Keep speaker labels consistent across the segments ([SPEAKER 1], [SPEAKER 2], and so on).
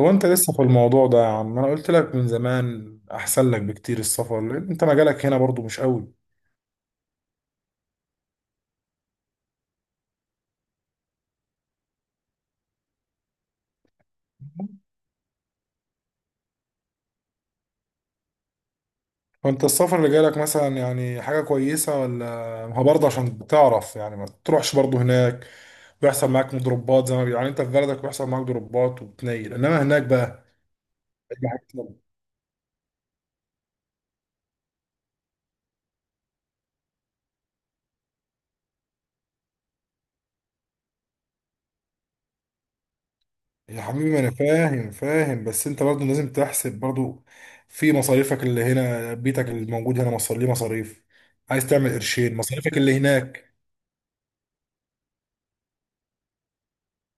[SPEAKER 1] هو انت لسه في الموضوع ده يا عم؟ انا قلت لك من زمان احسن لك بكتير السفر، لان انت مجالك هنا برضو مش قوي. فانت السفر اللي جالك مثلا يعني حاجة كويسة ولا؟ ما هو برضه عشان تعرف، يعني ما تروحش برضه هناك. بيحصل معاك مضروبات زي ما يعني انت في بلدك بيحصل معاك ضربات وبتنيل، انما هناك بقى هيبقى حاجة تانية. يا حبيبي ما انا فاهم، بس انت برضه لازم تحسب برضه في مصاريفك اللي هنا، بيتك الموجود هنا مصاري ليه مصاريف، عايز تعمل قرشين، مصاريفك اللي هناك.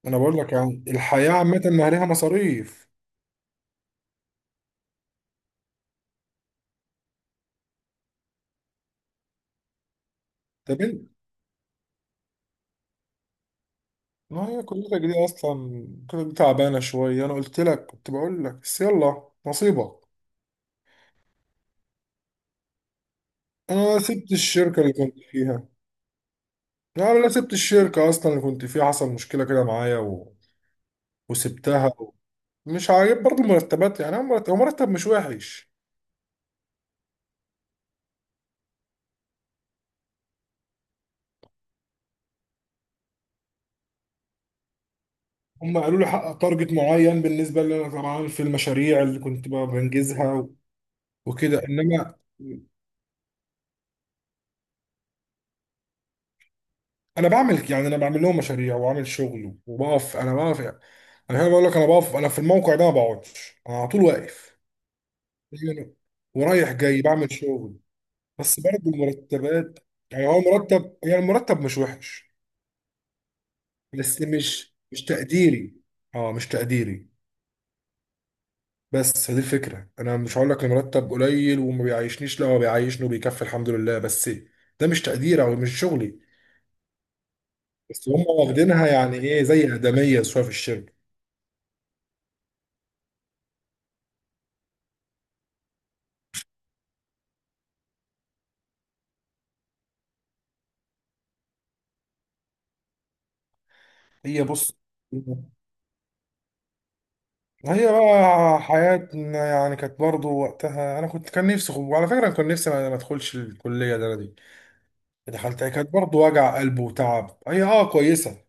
[SPEAKER 1] انا بقول لك يعني الحياه عامه ما ليها مصاريف. طب انت، ما هي كليتك دي اصلا كانت تعبانه شويه، انا قلت لك كنت بقول لك بس يلا نصيبك. انا سبت الشركه اللي كنت فيها. لا سبت الشركه اصلا اللي كنت فيها، حصل مشكله كده معايا وسبتها. مش عاجب برضو المرتبات، يعني أنا مرتب، هو مرتب مش وحش. هم قالوا لي حقق تارجت معين، بالنسبه لي انا طبعا في المشاريع اللي كنت بقى بنجزها وكده، انما انا بعمل، يعني انا بعمل لهم مشاريع واعمل شغل وبقف، انا بقف يعني، انا هنا بقول لك انا بقف، انا في الموقع ده ما بقعدش انا، على طول واقف يعني، ورايح جاي بعمل شغل. بس برضه المرتبات، يعني هو مرتب، يعني المرتب مش وحش، بس مش تقديري، اه مش تقديري. بس هذه الفكره، انا مش هقول لك المرتب قليل وما بيعيشنيش، لا هو بيعيشني وبيكفي الحمد لله، بس ده مش تقديري او مش شغلي. بس هم واخدينها يعني ايه زي ادميه شويه في الشركه. هي بص، هي بقى حياتنا يعني كانت برضه وقتها، انا كنت كان نفسي وعلى فكره أنا كان نفسي ما ادخلش الكليه ده، أنا دي دخلتها كانت برضه وجع قلب وتعب. هي اه كويسه.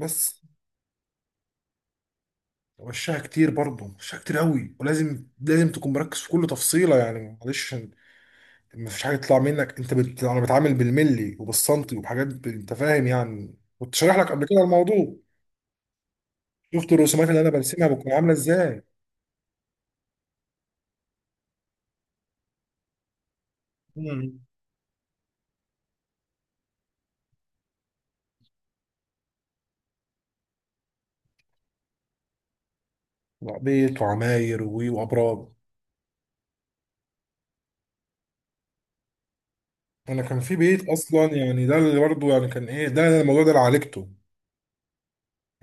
[SPEAKER 1] بس وشها كتير برضه، وشها كتير قوي، ولازم لازم تكون مركز في كل تفصيله، يعني معلش، ما فيش حاجه تطلع منك. انت انا بتعامل بالملي وبالسنتي وبحاجات انت فاهم، يعني كنت شارح لك قبل كده الموضوع. شفت الرسومات اللي انا برسمها بتكون عامله ازاي. مم. وعبيط وعماير وابراج. انا كان في بيت اصلا يعني، ده اللي برضه يعني كان ايه، ده الموضوع ده اللي عالجته.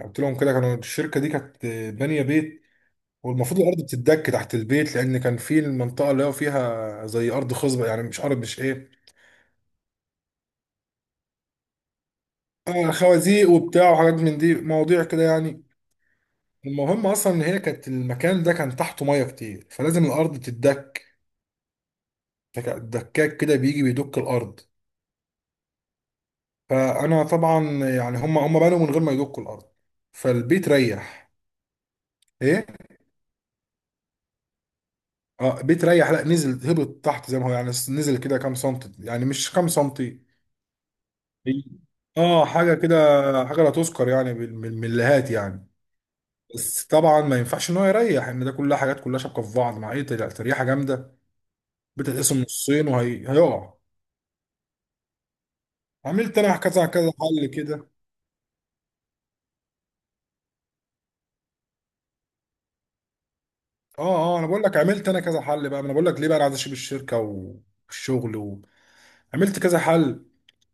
[SPEAKER 1] قلت لهم كده، كانوا الشركه دي كانت بانيه بيت، والمفروض الارض بتتدك تحت البيت، لان كان في المنطقه اللي هو فيها زي ارض خصبه يعني، مش ارض مش ايه، آه خوازيق وبتاع وحاجات من دي مواضيع كده يعني. المهم اصلا ان هي كانت المكان ده كان تحته ميه كتير، فلازم الارض تتدك. الدكاك كده بيجي بيدك الارض. فانا طبعا يعني هم بنوا من غير ما يدكوا الارض، فالبيت ريح. ايه؟ اه بتريح، لا نزل، هبط تحت زي ما هو يعني، نزل كده كام سنتي، يعني مش كام سنتي. هي- اه حاجه كده، حاجه لا تذكر يعني من المليهات يعني. بس طبعا ما ينفعش ان هو يريح، ان ده كلها حاجات كلها شابكه في بعض مع ايه تريحه جامده، بتتقسم نصين وهيقع. عملت انا كذا حل كده. اه اه، انا بقول لك عملت انا كذا حل، بقى ما انا بقول لك ليه بقى، انا عايز اسيب الشركه والشغل. عملت كذا حل،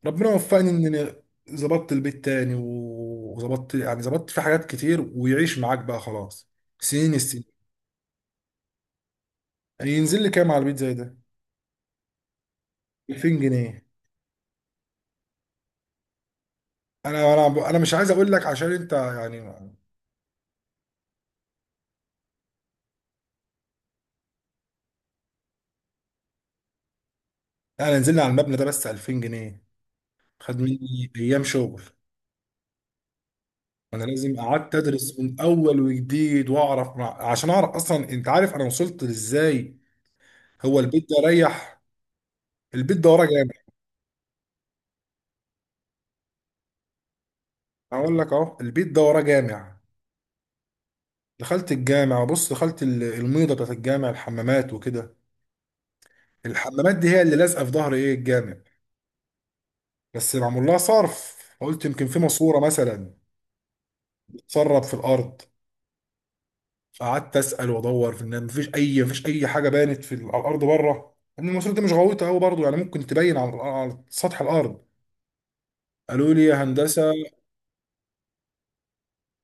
[SPEAKER 1] ربنا وفقني ان أنا ظبطت البيت تاني وظبطت، يعني ظبطت في حاجات كتير، ويعيش معاك بقى خلاص سنين السنين. يعني ينزل لي كام على البيت زي ده؟ 2000 جنيه. انا مش عايز اقول لك عشان انت يعني، انا نزلنا على المبنى ده بس 2000 جنيه. خد مني ايام شغل. انا لازم قعدت ادرس من اول وجديد واعرف عشان اعرف اصلا، انت عارف انا وصلت لازاي. هو البيت ده ريح، البيت ده وراه جامع. اقول لك اهو، البيت ده وراه جامع. دخلت الجامع، بص دخلت الميضه بتاعت الجامع، الحمامات وكده. الحمامات دي هي اللي لازقه في ظهر ايه؟ الجامع. بس معمول لها صرف، قلت يمكن في ماسوره مثلا تسرب في الارض. فقعدت اسال وادور في ان مفيش اي حاجه بانت في على الارض بره، ان الماسوره دي مش غويطه قوي برضه يعني، ممكن تبين على على سطح الارض. قالوا لي يا هندسه،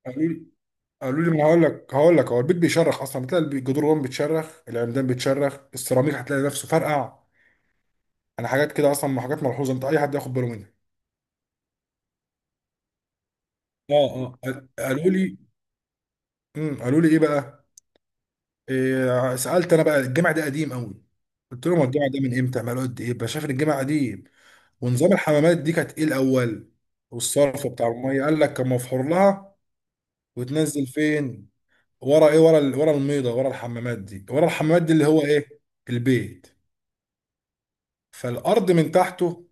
[SPEAKER 1] قالوا لي قالوا لي ما هقول لك، هو البيت بيشرخ اصلا، بتلاقي الجدران جوه بتشرخ، العمدان بتشرخ، السيراميك هتلاقي نفسه فرقع. انا حاجات كده اصلا، حاجات ملحوظه، انت اي حد ياخد باله منها. اه قالوا لي، قالوا لي ايه بقى؟ إيه سالت انا بقى، الجامع ده قديم قوي، قلت لهم هو الجامع ده من امتى عملوا؟ قد ايه بقى شايف ان الجامع قديم؟ ونظام الحمامات دي كانت ايه الاول، والصرف بتاع الميه قال لك كان مفحور لها وتنزل فين؟ ورا ايه؟ ورا ورا الميضه، ورا الحمامات دي، ورا الحمامات دي اللي هو ايه؟ البيت. فالارض من تحته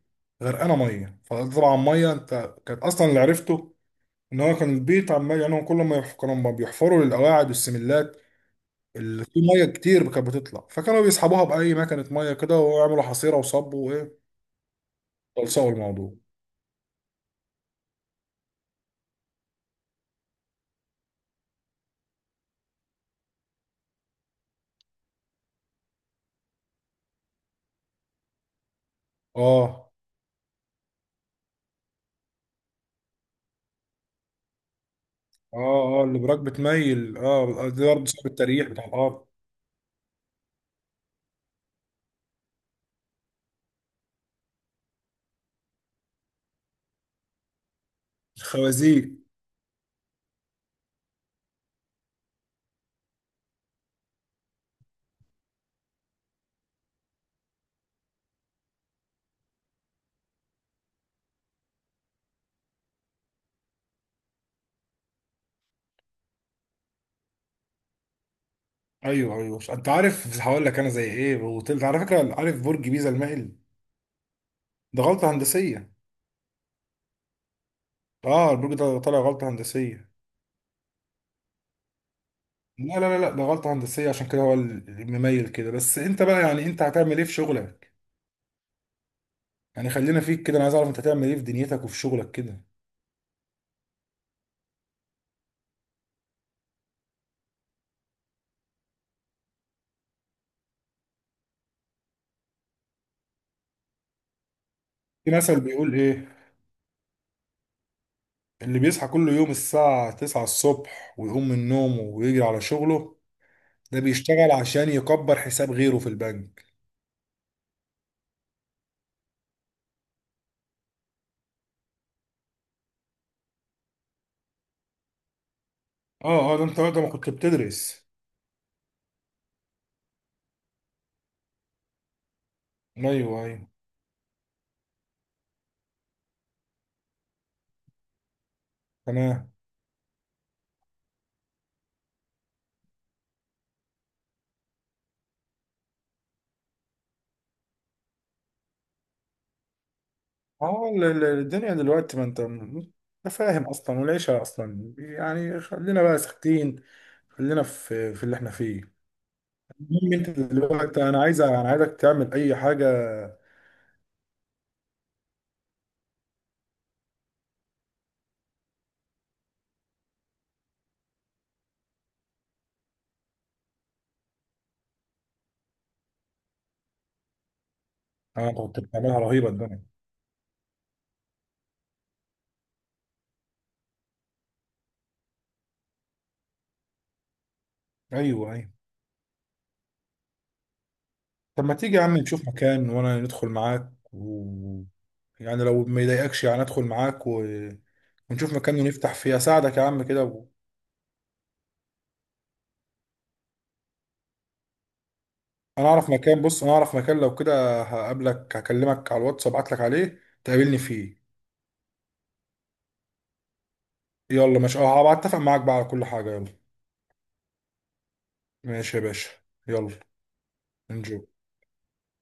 [SPEAKER 1] غرقانه ميه، فطبعا ميه انت كانت اصلا اللي عرفته، ان هو كان البيت عمال يعني، هو كل ما كانوا ما بيحفروا للقواعد والسملات في ميه كتير كانت بتطلع، فكانوا بيسحبوها باي مكنه ميه كده، ويعملوا حصيره وصبوا وايه، خلصوا الموضوع. اه اه اه اللي براك بتميل، اه دي برضه سبب التريح بتاع الارض. خوازيق. ايوه ايوه، انت عارف هقول لك انا زي ايه، وطلت على فكره، عارف برج بيزا المائل؟ ده غلطه هندسيه، اه البرج ده طالع غلطه هندسيه. لا ده غلطه هندسيه، عشان كده هو المميل كده. بس انت بقى، يعني انت هتعمل ايه في شغلك؟ يعني خلينا فيك كده، انا عايز اعرف انت هتعمل ايه في دنيتك وفي شغلك كده. في مثل بيقول ايه؟ اللي بيصحى كل يوم الساعة 9 الصبح ويقوم من نومه ويجري على شغله، ده بيشتغل عشان يكبر حساب غيره في البنك. اه اه، ده انت وقت ما كنت بتدرس. ايوه ايوه. تمام. اه الدنيا دلوقتي، ما انت انت فاهم اصلا، والعيشة اصلا يعني خلينا بقى ساكتين، خلينا في اللي احنا فيه. المهم انت دلوقتي، انا عايزك تعمل اي حاجة. انا كنت بتعملها رهيبة الدنيا. ايوه ايوه. طب ما تيجي يا عم نشوف مكان وانا ندخل معاك يعني لو ما يضايقكش يعني ادخل معاك ونشوف مكان ونفتح فيه، اساعدك يا عم كده انا اعرف مكان، بص انا اعرف مكان، لو كده هقابلك، هكلمك على الواتس ابعت لك عليه تقابلني فيه. يلا ماشي، اه هبقى اتفق معاك بقى على كل حاجة. يلا. ماشي يا باشا. يلا. انجو.